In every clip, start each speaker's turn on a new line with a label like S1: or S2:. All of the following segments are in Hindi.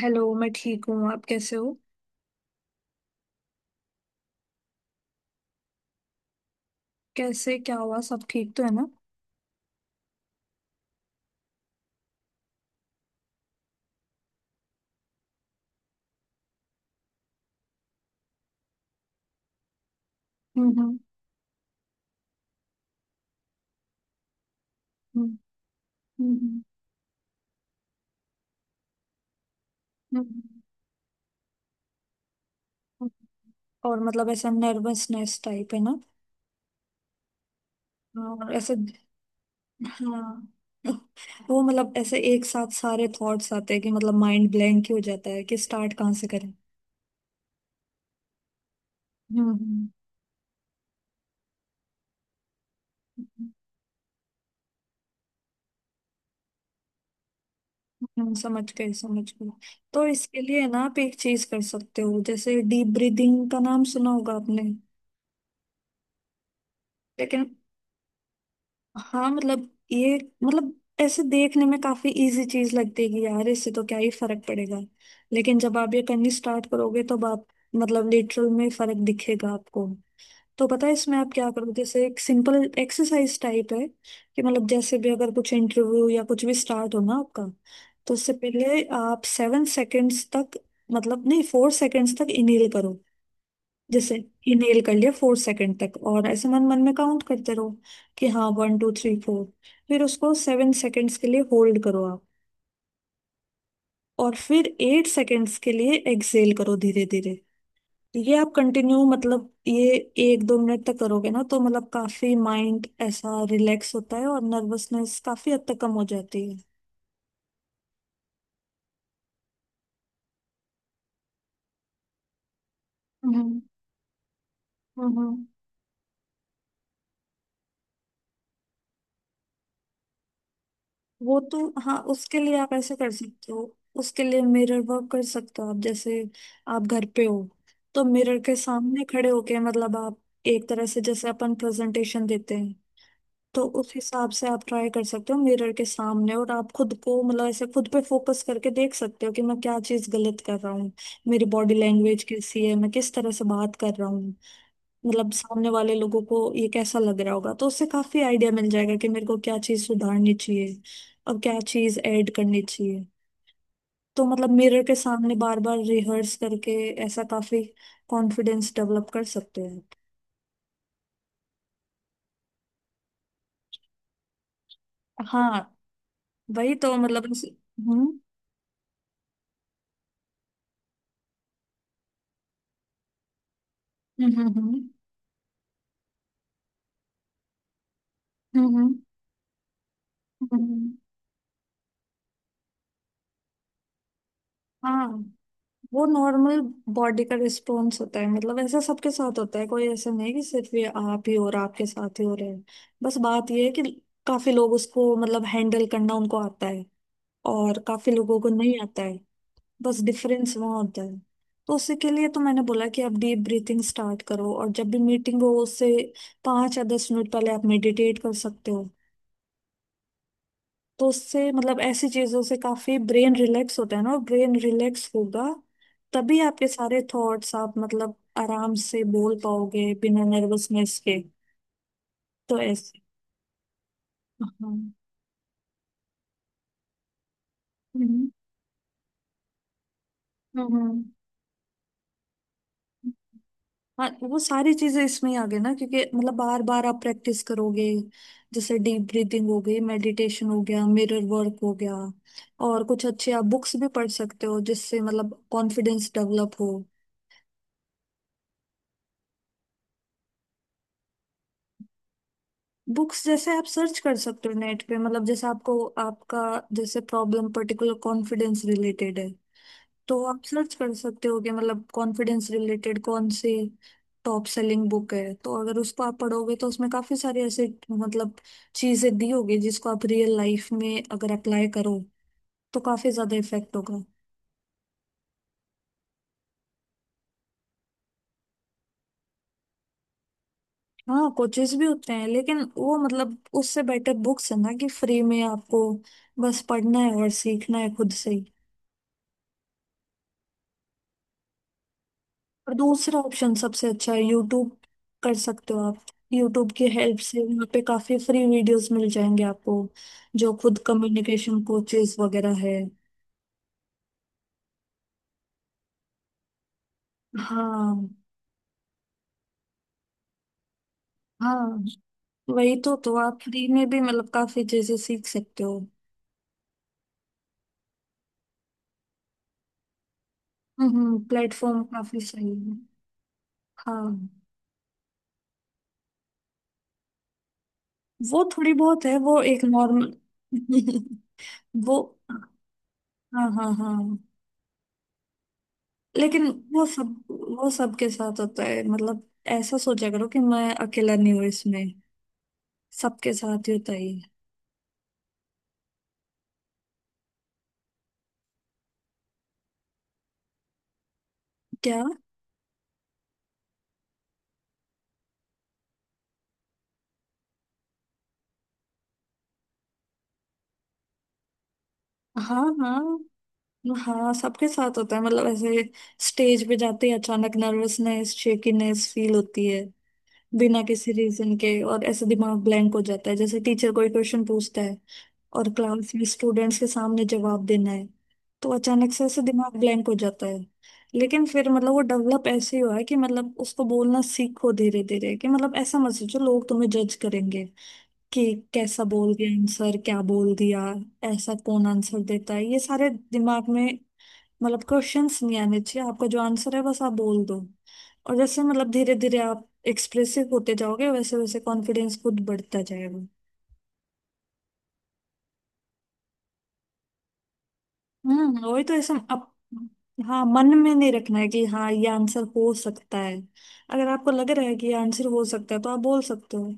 S1: हेलो। मैं ठीक हूँ। आप कैसे हो? कैसे, क्या हुआ? सब ठीक तो है ना? हम्म। हम्म। हम्म। हम्म। हम्म। और मतलब ऐसा नर्वसनेस टाइप है ना? हाँ, और ऐसे। हाँ। वो मतलब ऐसे एक साथ सारे थॉट्स आते हैं कि मतलब माइंड ब्लैंक ही हो जाता है कि स्टार्ट कहाँ से करें। हम्म। हम्म। समझ गए समझ गए। तो इसके लिए ना आप एक चीज कर सकते हो। जैसे डीप ब्रीदिंग का नाम सुना होगा आपने। लेकिन हाँ मतलब ये। मतलब ऐसे देखने में काफी इजी चीज लगतेगी यार। इससे तो क्या ही फर्क पड़ेगा। लेकिन जब आप ये करनी स्टार्ट करोगे तो आप मतलब लिटरल में फर्क दिखेगा आपको। तो पता है इसमें आप क्या करोगे? जैसे एक सिंपल एक्सरसाइज टाइप है कि मतलब जैसे भी अगर कुछ इंटरव्यू या कुछ भी स्टार्ट हो ना आपका। तो उससे पहले आप 7 सेकेंड्स तक, मतलब नहीं, 4 सेकेंड्स तक इनहेल करो। जैसे ये नेल कर लिया 4 सेकंड तक और ऐसे मन मन में काउंट करते रहो। कि हाँ 1 2 3 4। फिर उसको 7 सेकंड्स के लिए होल्ड करो आप। और फिर 8 सेकंड्स के लिए एक्सेल करो धीरे धीरे। ये आप कंटिन्यू मतलब ये एक दो मिनट तक करोगे ना तो मतलब काफी माइंड ऐसा रिलैक्स होता है और नर्वसनेस काफी हद तक कम हो जाती है। हम्म। हम्म। वो तो हाँ उसके लिए आप ऐसे कर सकते हो। उसके लिए मिरर वर्क कर सकते हो आप। जैसे आप घर पे हो तो मिरर के सामने खड़े होके मतलब आप एक तरह से जैसे अपन प्रेजेंटेशन देते हैं। तो उस हिसाब से आप ट्राई कर सकते हो मिरर के सामने और आप खुद को मतलब ऐसे खुद पे फोकस करके देख सकते हो कि मैं क्या चीज गलत कर रहा हूँ। मेरी बॉडी लैंग्वेज कैसी है? मैं किस तरह से बात कर रहा हूँ? मतलब सामने वाले लोगों को ये कैसा लग रहा होगा? तो उससे काफी आइडिया मिल जाएगा कि मेरे को क्या चीज सुधारनी चाहिए और क्या चीज ऐड करनी चाहिए। तो मतलब मिरर के सामने बार बार रिहर्स करके ऐसा काफी कॉन्फिडेंस डेवलप कर सकते हैं। हाँ वही तो मतलब। हम्म। हम्म। हम्म। हम्म। हम्म। हम्म, हाँ। वो नॉर्मल बॉडी का रिस्पॉन्स होता है मतलब ऐसा सबके साथ होता है। कोई ऐसा नहीं है कि सिर्फ ये आप ही और आपके साथ ही हो रहे हैं। बस बात ये है कि काफी लोग उसको मतलब हैंडल करना उनको आता है और काफी लोगों को नहीं आता है। बस डिफरेंस वहाँ होता है। तो उसी के लिए तो मैंने बोला कि आप डीप ब्रीथिंग स्टार्ट करो और जब भी मीटिंग हो उससे 5 या 10 मिनट पहले आप मेडिटेट कर सकते हो। तो उससे मतलब ऐसी चीजों से काफी ब्रेन रिलैक्स होता है ना और ब्रेन रिलैक्स होगा तभी आपके सारे थॉट्स आप मतलब आराम से बोल पाओगे बिना नर्वसनेस के। तो ऐसे। हाँ। हम्म। हम्म। हाँ वो सारी चीजें इसमें ही आ गई ना क्योंकि मतलब बार बार आप प्रैक्टिस करोगे। जैसे डीप ब्रीदिंग हो गई, मेडिटेशन हो गया, मिरर वर्क हो गया और कुछ अच्छे आप बुक्स भी पढ़ सकते हो जिससे मतलब कॉन्फिडेंस डेवलप हो। बुक्स जैसे आप सर्च कर सकते हो नेट पे मतलब जैसे आपको आपका जैसे प्रॉब्लम पर्टिकुलर कॉन्फिडेंस रिलेटेड है। तो आप सर्च कर सकते हो कि मतलब कॉन्फिडेंस रिलेटेड कौन से टॉप सेलिंग बुक है, तो अगर उसको आप पढ़ोगे तो उसमें काफी सारे ऐसे मतलब चीजें दी होगी जिसको आप रियल लाइफ में अगर अप्लाई करो तो काफी ज्यादा इफेक्ट होगा। हाँ कोचेस भी होते हैं लेकिन वो मतलब उससे बेटर बुक्स है ना कि फ्री में आपको बस पढ़ना है और सीखना है खुद से। और दूसरा ऑप्शन सबसे अच्छा है यूट्यूब। कर सकते हो आप। यूट्यूब की हेल्प से वहाँ पे काफी फ्री वीडियोस मिल जाएंगे आपको जो खुद कम्युनिकेशन कोचेस वगैरह है। हाँ। हाँ वही तो आप फ्री में भी मतलब काफी चीजें सीख सकते हो। प्लेटफॉर्म काफी सही है। हाँ वो थोड़ी बहुत है, वो एक नॉर्मल। वो। हाँ हाँ हाँ। लेकिन वो सब वो सबके साथ होता है मतलब ऐसा सोचा करो कि मैं अकेला नहीं हूँ इसमें। सबके साथ ही होता है ये। क्या? हाँ हाँ हाँ सबके साथ होता है मतलब ऐसे स्टेज पे जाते ही अचानक नर्वसनेस, शेकीनेस फील होती है बिना किसी रीजन के और ऐसे दिमाग ब्लैंक हो जाता है। जैसे टीचर कोई क्वेश्चन पूछता है और क्लास में स्टूडेंट्स के सामने जवाब देना है तो अचानक से ऐसे दिमाग ब्लैंक हो जाता है। लेकिन फिर मतलब वो डेवलप ऐसे ही हुआ है कि मतलब उसको बोलना सीखो धीरे धीरे कि मतलब ऐसा मत सोचो लोग तुम्हें जज करेंगे कि कैसा बोल दिया आंसर, क्या बोल दिया। ऐसा कौन आंसर देता है, ये सारे दिमाग में मतलब क्वेश्चंस नहीं आने चाहिए। आपका जो आंसर है बस आप बोल दो। और जैसे मतलब धीरे धीरे आप एक्सप्रेसिव होते जाओगे वैसे वैसे कॉन्फिडेंस खुद बढ़ता जाएगा। वही तो ऐसा अब। हाँ मन में नहीं रखना है कि हाँ ये आंसर हो सकता है। अगर आपको लग रहा है कि ये आंसर हो सकता है तो आप बोल सकते हो।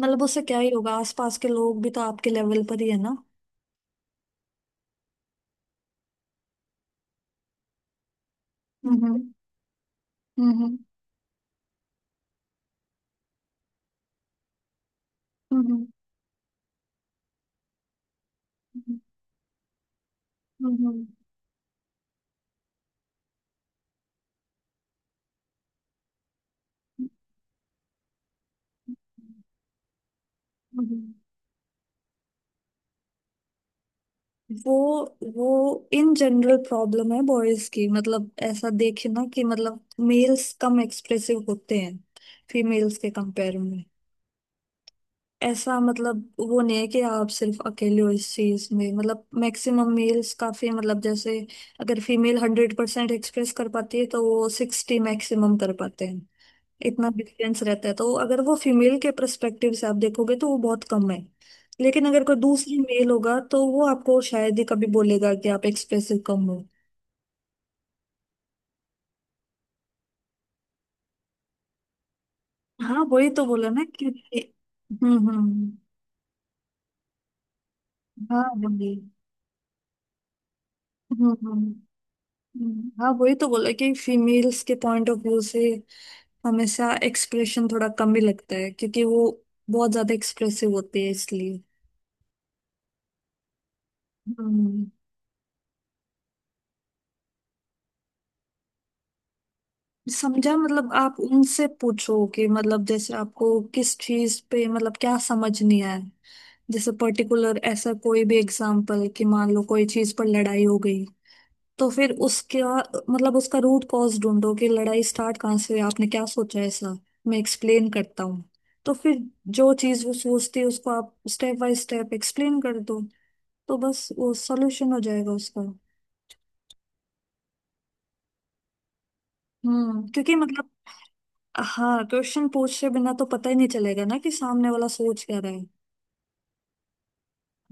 S1: मतलब उससे क्या ही होगा, आसपास के लोग भी तो आपके लेवल पर ही है ना। हम्म। हम्म। हम्म। हम्म। वो वो इन जनरल प्रॉब्लम है बॉयज की। मतलब ऐसा देखे ना कि मतलब मेल्स कम एक्सप्रेसिव होते हैं फीमेल्स के कंपेयर में। ऐसा मतलब वो नहीं है कि आप सिर्फ अकेले हो इस चीज में। मतलब मैक्सिमम मेल्स काफी मतलब जैसे अगर फीमेल 100% एक्सप्रेस कर पाती है तो वो 60 मैक्सिमम कर पाते हैं। इतना डिफरेंस रहता है, तो अगर वो फीमेल के परस्पेक्टिव से आप देखोगे तो वो बहुत कम है। लेकिन अगर कोई दूसरी मेल होगा तो वो आपको शायद ही कभी बोलेगा कि आप एक्सप्रेसिव कम हो। हाँ वही तो बोला ना क्योंकि हम्म। हम्म। हाँ वही। हम्म। हाँ वही तो बोला कि फीमेल्स के पॉइंट ऑफ व्यू से हमेशा एक्सप्रेशन थोड़ा कम ही लगता है क्योंकि वो बहुत ज्यादा एक्सप्रेसिव होते हैं इसलिए। हम्म। समझा मतलब आप उनसे पूछो कि मतलब जैसे आपको किस चीज पे मतलब क्या समझ नहीं आया। जैसे पर्टिकुलर ऐसा कोई भी एग्जाम्पल कि मान लो कोई चीज पर लड़ाई हो गई तो फिर उसके मतलब उसका रूट कॉज ढूंढो कि लड़ाई स्टार्ट कहाँ से हुई, आपने क्या सोचा है, ऐसा मैं एक्सप्लेन करता हूँ। तो फिर जो चीज वो सोचती है उसको आप स्टेप बाय स्टेप एक्सप्लेन कर दो, तो बस वो सॉल्यूशन हो जाएगा उसका। क्योंकि मतलब हाँ, क्वेश्चन पूछे बिना तो पता ही नहीं चलेगा ना कि सामने वाला सोच क्या रहा है।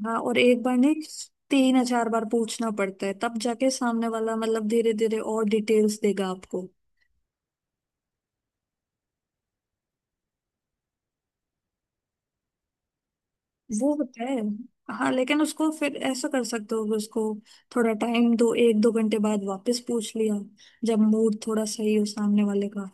S1: हाँ, और एक बार नहीं, 3 या 4 बार पूछना पड़ता है, तब जाके सामने वाला मतलब धीरे धीरे और डिटेल्स देगा आपको। वो होता है हाँ, लेकिन उसको फिर ऐसा कर सकते हो कि उसको थोड़ा टाइम दो, एक दो घंटे बाद वापस पूछ लिया जब मूड थोड़ा सही हो सामने वाले का।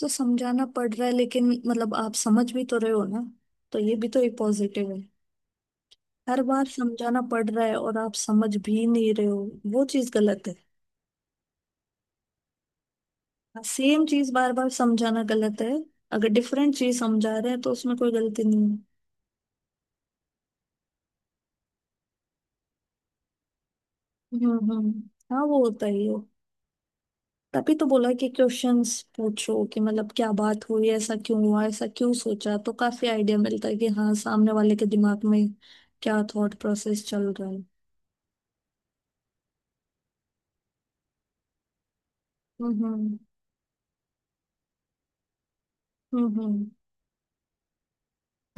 S1: तो समझाना पड़ रहा है लेकिन मतलब आप समझ भी तो रहे हो ना, तो ये भी तो एक पॉजिटिव है। हर बार समझाना पड़ रहा है और आप समझ भी नहीं रहे हो, वो चीज गलत है। सेम चीज बार बार समझाना गलत है, अगर डिफरेंट चीज समझा रहे हैं तो उसमें कोई गलती नहीं है। हम्म। हम्म। हाँ वो होता ही है, तभी तो बोला कि क्वेश्चंस पूछो कि मतलब क्या बात हुई, ऐसा क्यों हुआ, ऐसा क्यों सोचा, तो काफी आइडिया मिलता है कि हाँ सामने वाले के दिमाग में क्या थॉट प्रोसेस चल रहा है। हम्म। हम्म। हम्म। हम्म।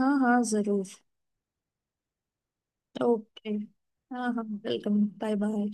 S1: हाँ हाँ जरूर। ओके। हाँ हाँ वेलकम, बाय बाय।